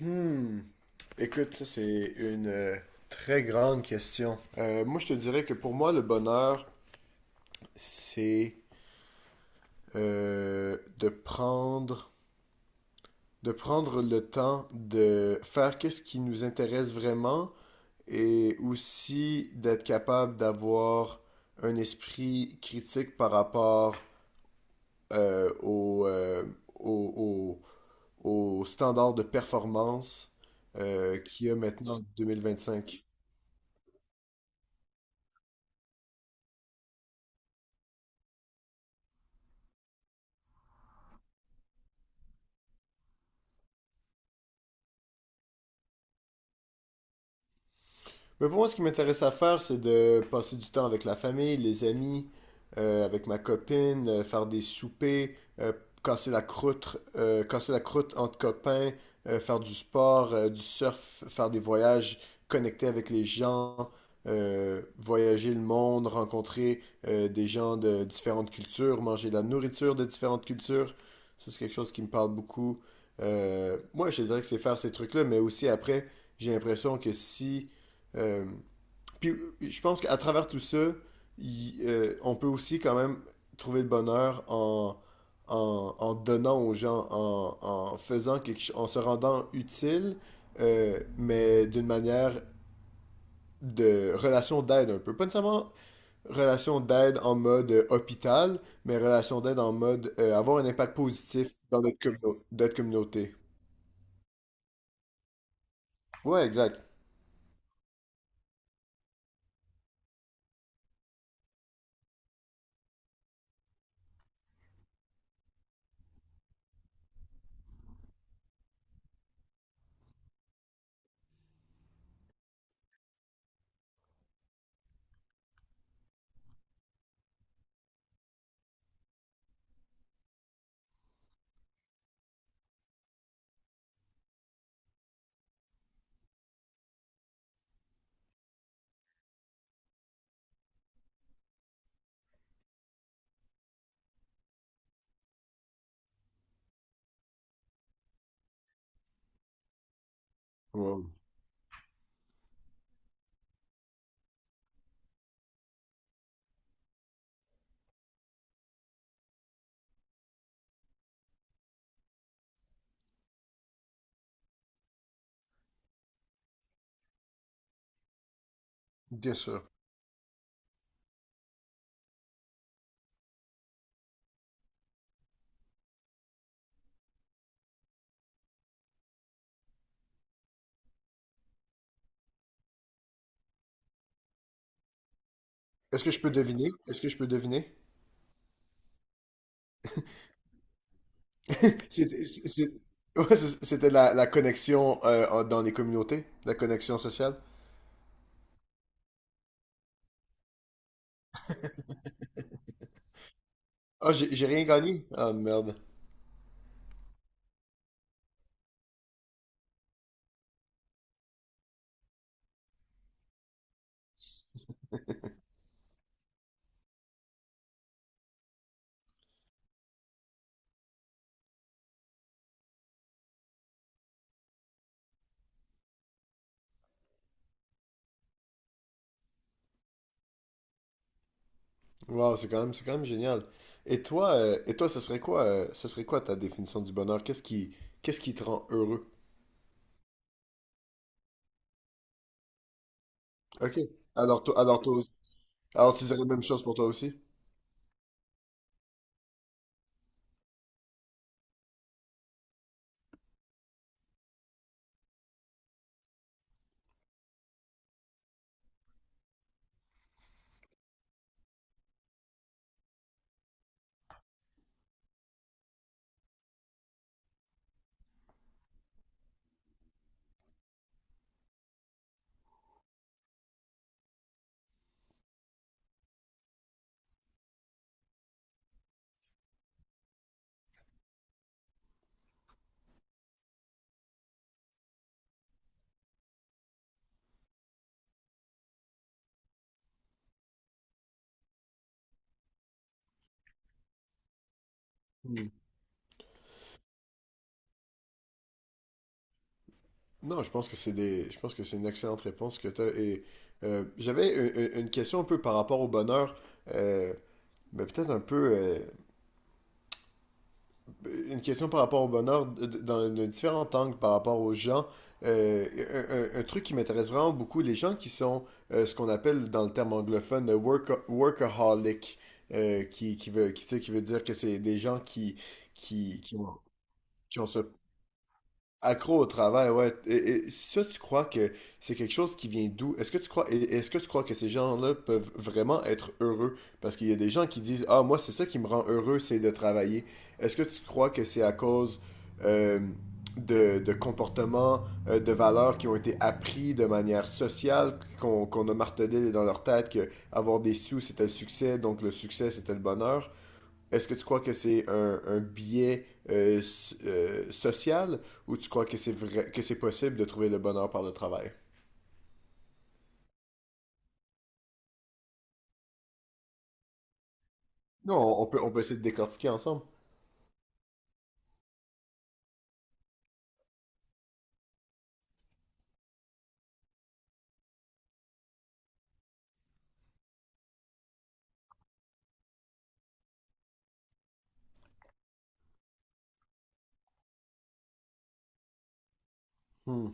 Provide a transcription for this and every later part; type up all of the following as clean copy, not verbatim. Hmm. Écoute, ça c'est une très grande question. Moi, je te dirais que pour moi, le bonheur, c'est euh, de prendre, de prendre le temps de faire qu'est-ce qui nous intéresse vraiment et aussi d'être capable d'avoir un esprit critique par rapport euh, au, euh, au, au- au standard de performance qu'il y a maintenant en 2025. Mais pour moi, ce qui m'intéresse à faire, c'est de passer du temps avec la famille, les amis, avec ma copine, faire des soupers, casser la croûte entre copains, euh, faire du sport, du surf, faire des voyages, connecter avec les gens, voyager le monde, rencontrer des gens de différentes cultures, manger de la nourriture de différentes cultures. Ça, c'est quelque chose qui me parle beaucoup. Moi, je te dirais que c'est faire ces trucs-là, mais aussi après, j'ai l'impression que si euh, puis je pense qu'à travers tout ça, on peut aussi quand même trouver le bonheur en donnant aux gens, en faisant quelque chose, en se rendant utile, mais d'une manière de relation d'aide un peu. Pas nécessairement relation d'aide en mode hôpital, mais relation d'aide en mode avoir un impact positif dans notre notre communauté. Ouais, exact. Wow. Bien sûr. Est-ce que je peux deviner? Est-ce que je peux deviner? C'était c'est- ouais, c'est- c'était la connexion dans les communautés, la connexion sociale. Ah, j'ai rien gagné. Ah, merde. Wow, c'est quand même génial. Et toi, ce serait quoi ta définition du bonheur? Qu'est-ce qui te rend heureux? Ok. Alors toi aussi- alors tu dirais la même chose pour toi aussi? Hmm. Non, je pense que c'est une excellente réponse que tu as. Et j'avais une question un peu par rapport au bonheur, euh, mais peut-être un peu. Une question par rapport au bonheur dans un différent angle par rapport aux gens. Euh, un, un truc qui m'intéresse vraiment beaucoup, les gens qui sont ce qu'on appelle dans le terme anglophone euh, workaholic, tu sais, qui veut dire que c'est des gens qui, qui ont, qui ont ce accro au travail, ouais. Et ça, tu crois que c'est quelque chose qui vient d'où? Est-ce que tu crois que ces gens-là peuvent vraiment être heureux? Parce qu'il y a des gens qui disent, ah, moi, c'est ça qui me rend heureux, c'est de travailler. Est-ce que tu crois que c'est à cause euh, de comportements, de valeurs qui ont été appris de manière sociale, qu'on a martelé dans leur tête que avoir des sous, c'était le succès, donc le succès, c'était le bonheur? Est-ce que tu crois que c'est un biais social ou tu crois que c'est vrai, que c'est possible de trouver le bonheur par le travail? Non, on peut essayer de décortiquer ensemble. Hmm.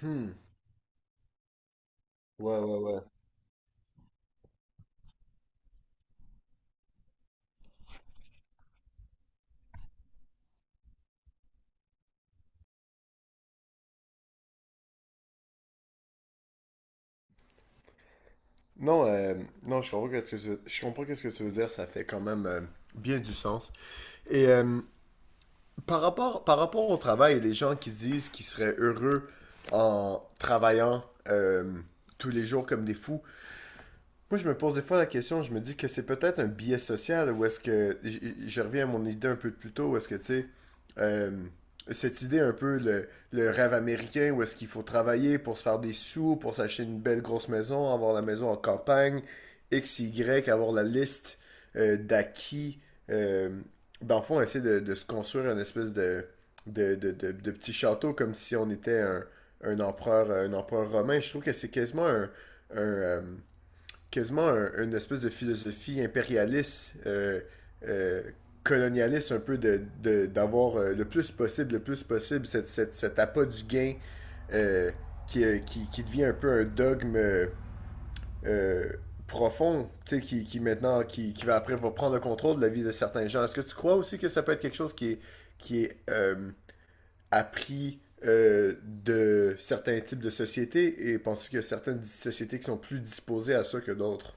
Hmm. Ouais, ouais, ouais. Non, non, je comprends qu'est-ce que tu veux, je comprends qu'est-ce que tu veux dire, ça fait quand même bien du sens. Et euh, par rapport au travail, les gens qui disent qu'ils seraient heureux en travaillant euh, tous les jours comme des fous. Moi, je me pose des fois la question, je me dis que c'est peut-être un biais social ou je reviens à mon idée un peu plus tôt, où est-ce que, tu sais, euh, cette idée un peu, le rêve américain, où est-ce qu'il faut travailler pour se faire des sous, pour s'acheter une belle grosse maison, avoir la maison en campagne, X, Y, avoir la liste d'acquis. euh, Dans le fond, essayer de se construire une espèce de petit château comme si on était un empereur romain. Je trouve que c'est quasiment un. un, euh, quasiment une espèce de philosophie impérialiste, euh, colonialiste un peu d'avoir le plus possible cet appât du gain euh, qui devient un peu un dogme euh, profond, tu sais, qui va après va prendre le contrôle de la vie de certains gens. Est-ce que tu crois aussi que ça peut être quelque chose qui est appris de certains types de sociétés et penses-tu qu'il y a certaines sociétés qui sont plus disposées à ça que d'autres?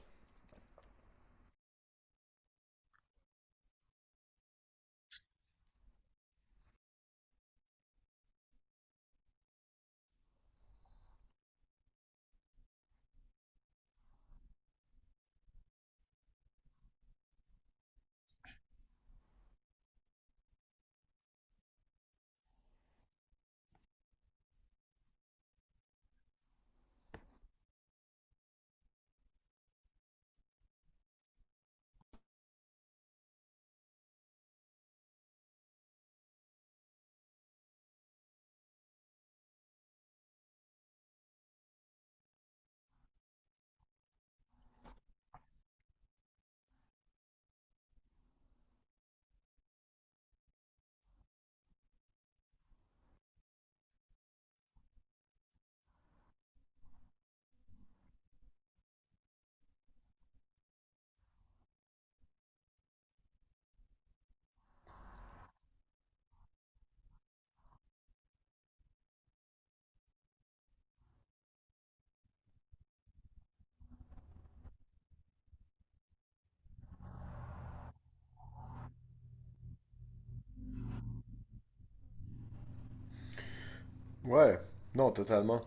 Ouais, non, totalement.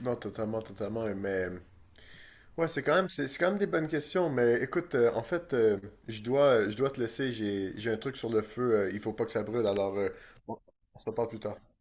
Non, totalement, totalement. Mais ouais, c'est quand même, c'est quand même des bonnes questions. Mais écoute, je dois te laisser. J'ai un truc sur le feu. Il faut pas que ça brûle. Alors, on on se reparle plus tard.